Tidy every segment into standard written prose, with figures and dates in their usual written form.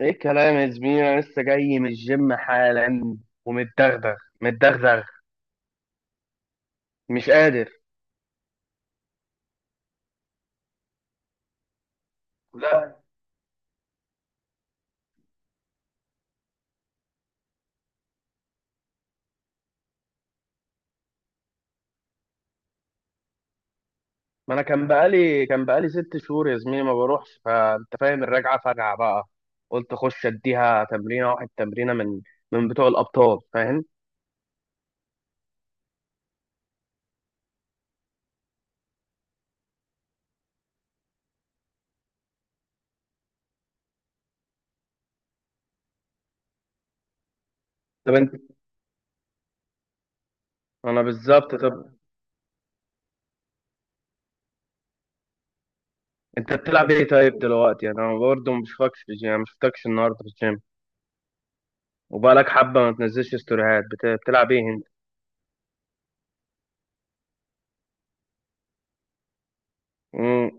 ايه الكلام يا زميلي، انا لسه جاي من الجيم حالا ومتدغدغ. متدغدغ. مش قادر. لا. ما انا كان بقالي 6 شهور يا زميلي ما بروحش، فانت فاهم الرجعه فجعه بقى. قلت اخش اديها تمرينه، واحد تمرينه من بتوع الابطال، فاهم؟ طب انت. انا بالظبط. طب، انت بتلعب ايه طيب دلوقتي؟ انا برضه ما بشوفكش في الجيم، ما شفتكش النهارده في الجيم، وبقالك حبه ما تنزلش ستوريهات. بتلعب ايه؟ انت.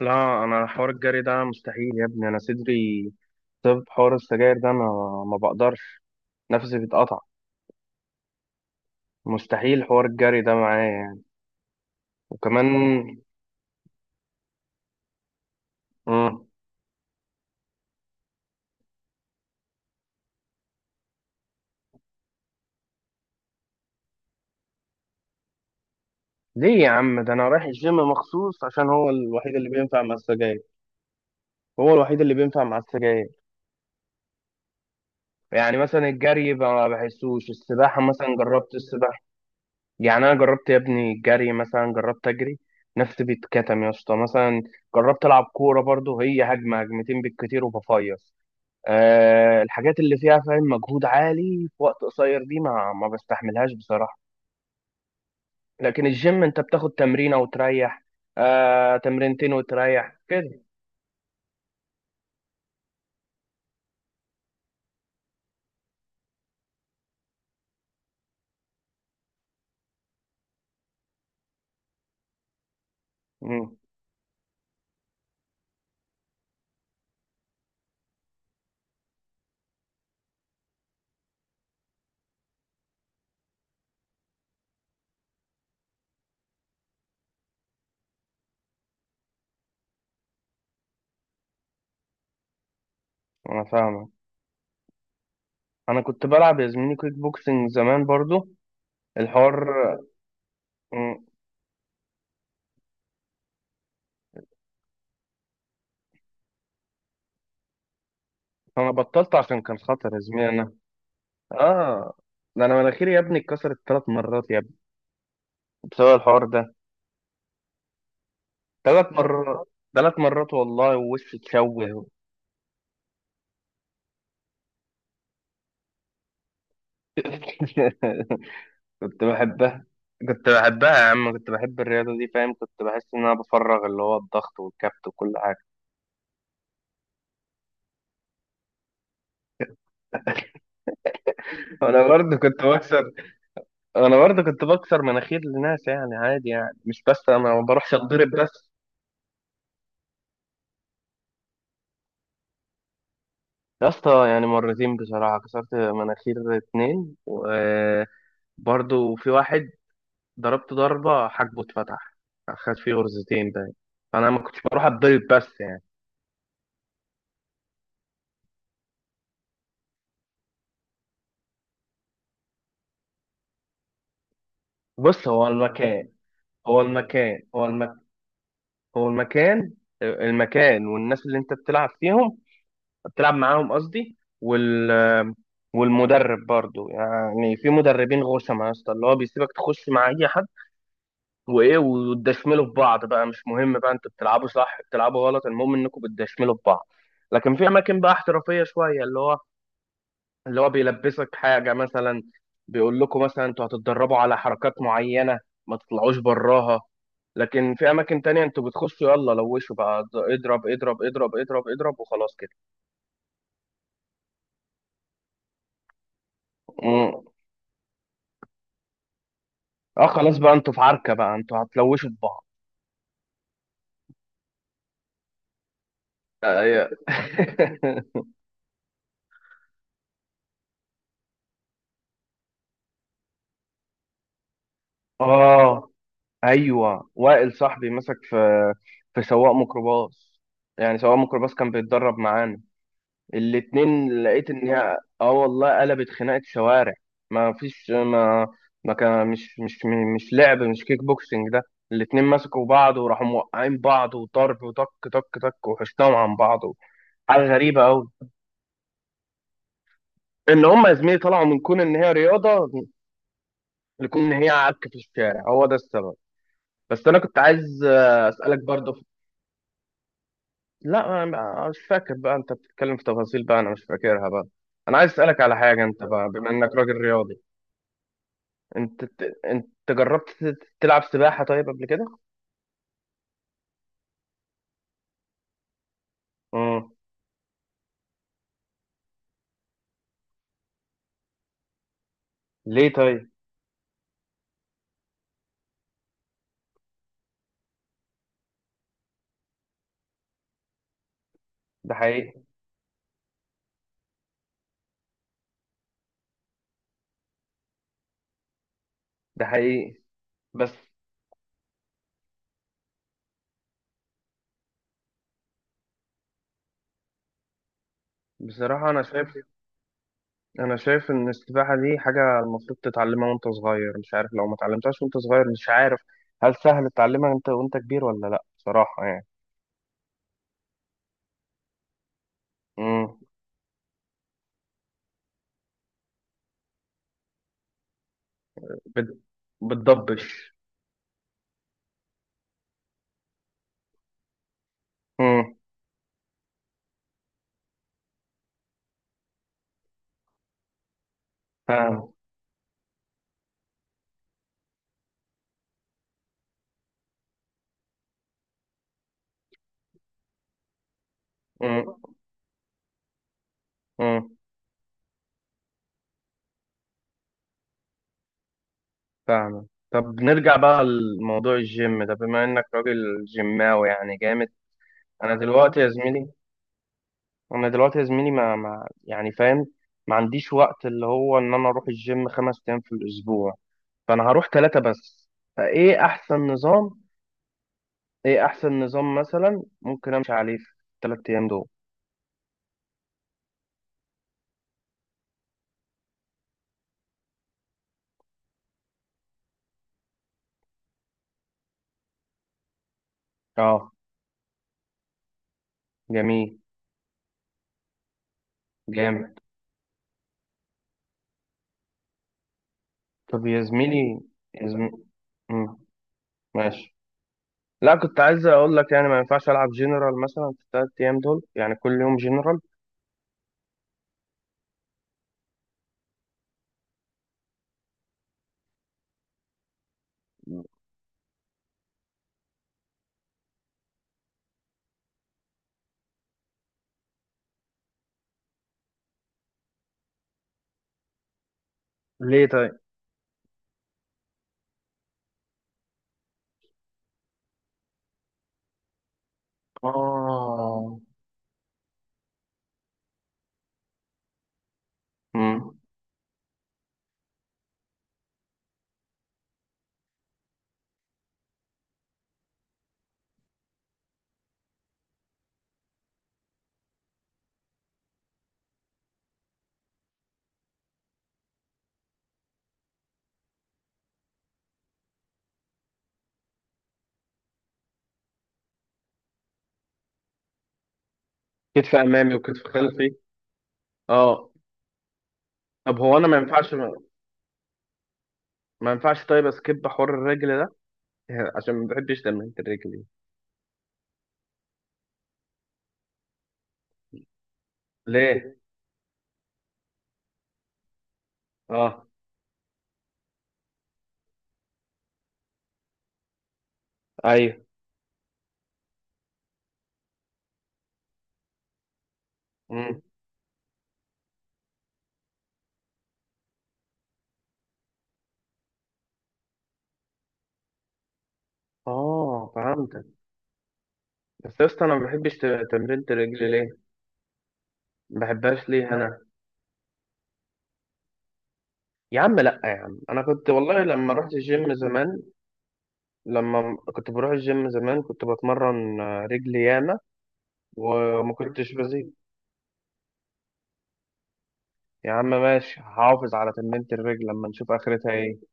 لا، انا حوار الجري ده مستحيل يا ابني، انا صدري. طب حوار السجاير ده انا ما بقدرش، نفسي بيتقطع. مستحيل حوار الجري ده معايا يعني. وكمان. مم. ليه يا عم؟ ده انا رايح الجيم مخصوص عشان هو الوحيد اللي بينفع مع السجاير. هو الوحيد اللي بينفع مع السجاير. يعني مثلا الجري ما بحسوش. السباحة مثلا، جربت السباحة؟ يعني انا جربت يا ابني الجري، مثلا جربت اجري، نفسي بيتكتم يا اسطى مثلا. جربت العب كورة برضه، هي هجمة هجمتين بالكتير وبفيص. الحاجات اللي فيها فاهم مجهود عالي في وقت قصير دي ما بستحملهاش بصراحة. لكن الجيم انت بتاخد تمرينة وتريح. آه، تمرينتين وتريح كده. مم. انا فاهمك. انا كنت بلعب يا زميلي كيك بوكسنج زمان برضو. الحوار. مم. انا بطلت عشان كان خطر يا زميلي. انا. اه. ده انا مناخيري يا ابني اتكسرت 3 مرات يا ابني، بسبب الحوار ده. ثلاث مرات. ثلاث مرات والله، ووشي اتشوه. كنت بحبها. كنت بحبها يا عم، كنت بحب الرياضة دي، فاهم، كنت بحس إن أنا بفرغ اللي هو الضغط والكبت وكل حاجة. أنا برضه كنت بكسر. أنا برضه كنت بكسر مناخير لناس، يعني عادي، يعني مش بس أنا ما بروحش أتضرب بس. يا اسطى يعني مرتين بصراحة، كسرت مناخير اتنين، وبرضه في واحد ضربت ضربة حاجبه اتفتح، خد فيه غرزتين باين. فأنا ما كنتش بروح أتضرب بس يعني. بص، هو المكان هو المكان هو المكان. المكان والناس اللي انت بتلعب فيهم، بتلعب معاهم قصدي. والمدرب برضو، يعني في مدربين غشمة يا اسطى، اللي هو بيسيبك تخش مع اي حد وايه، وتدشملوا في بعض بقى. مش مهم بقى انتوا بتلعبوا صح بتلعبوا غلط، المهم انكم بتدشملوا في بعض. لكن في اماكن بقى احترافية شوية، اللي هو بيلبسك حاجة مثلا، بيقول لكم مثلا انتوا هتتدربوا على حركات معينة، ما تطلعوش براها. لكن في أماكن تانية انتوا بتخشوا يلا لوشوا بقى، اضرب اضرب اضرب اضرب اضرب وخلاص كده. مم. اه، خلاص بقى انتوا في عركة بقى، انتوا هتلوشوا في بعض. ايوه. اه، ايوه، وائل صاحبي مسك في سواق ميكروباص. يعني سواق ميكروباص كان بيتدرب معانا الاتنين. لقيت ان هي اه والله قلبت خناقة شوارع. ما فيش. ما ما كان مش مش مش لعب، مش كيك بوكسنج ده. الاتنين مسكوا بعض وراحوا موقعين بعض، وضرب وطك، طك طك، وحشناهم عن بعض. حاجة غريبة قوي. ان هم يا زميلي طلعوا من كون ان هي رياضة لكون ان هي عك في الشارع، هو ده السبب. بس انا كنت عايز اسألك برضه لا انا مش فاكر بقى، انت بتتكلم في تفاصيل بقى انا مش فاكرها بقى. انا عايز اسألك على حاجة انت بقى، بما انك راجل رياضي. انت انت جربت تلعب سباحة طيب قبل كده؟ امم. ليه طيب؟ ده حقيقي. ده حقيقي. بس. بصراحة أنا شايف. أنا شايف إن السباحة دي حاجة المفروض تتعلمها وأنت صغير. مش عارف لو ما اتعلمتهاش وأنت صغير، مش عارف، هل سهل تتعلمها أنت وأنت كبير ولا لأ؟ بصراحة يعني. امم. بت... بتضبش. امم. فاهم. امم. امم. فاهم. طب نرجع بقى لموضوع الجيم ده، بما إنك راجل جيماوي يعني جامد. أنا دلوقتي يا زميلي، ما يعني فاهم، ما عنديش وقت اللي هو ان انا اروح الجيم 5 ايام في الاسبوع، فانا هروح ثلاثة بس. فايه احسن نظام، ايه احسن نظام مثلا ممكن امشي عليه في الثلاث ايام دول؟ اه. جميل. جامد. طب يا زميلي، يا زميلي. مم. ماشي. لا كنت عايز اقول لك، يعني ما ينفعش العب جنرال مثلا في الثلاث ايام دول، يعني كل يوم جنرال؟ ليه طيب؟ اه. امم. كتف امامي وكتف خلفي. اه. طب هو انا ما ينفعش، ما ينفعش طيب اسكيب حوار الرجل ده؟ يعني عشان ما بحبش تمرينة الرجل دي. ليه؟ اه. ايوه. امم. اه، فهمتك. بس يا اسطى انا ما بحبش تمرينة الرجل ليه؟ ما بحبهاش ليه انا؟ يا عم، لا يا عم، انا كنت والله لما رحت الجيم زمان. كنت بروح الجيم زمان، كنت بتمرن رجلي ياما، وما كنتش بزيد. يا عم ماشي، هحافظ على تمرينة الرجل لما نشوف اخرتها ايه.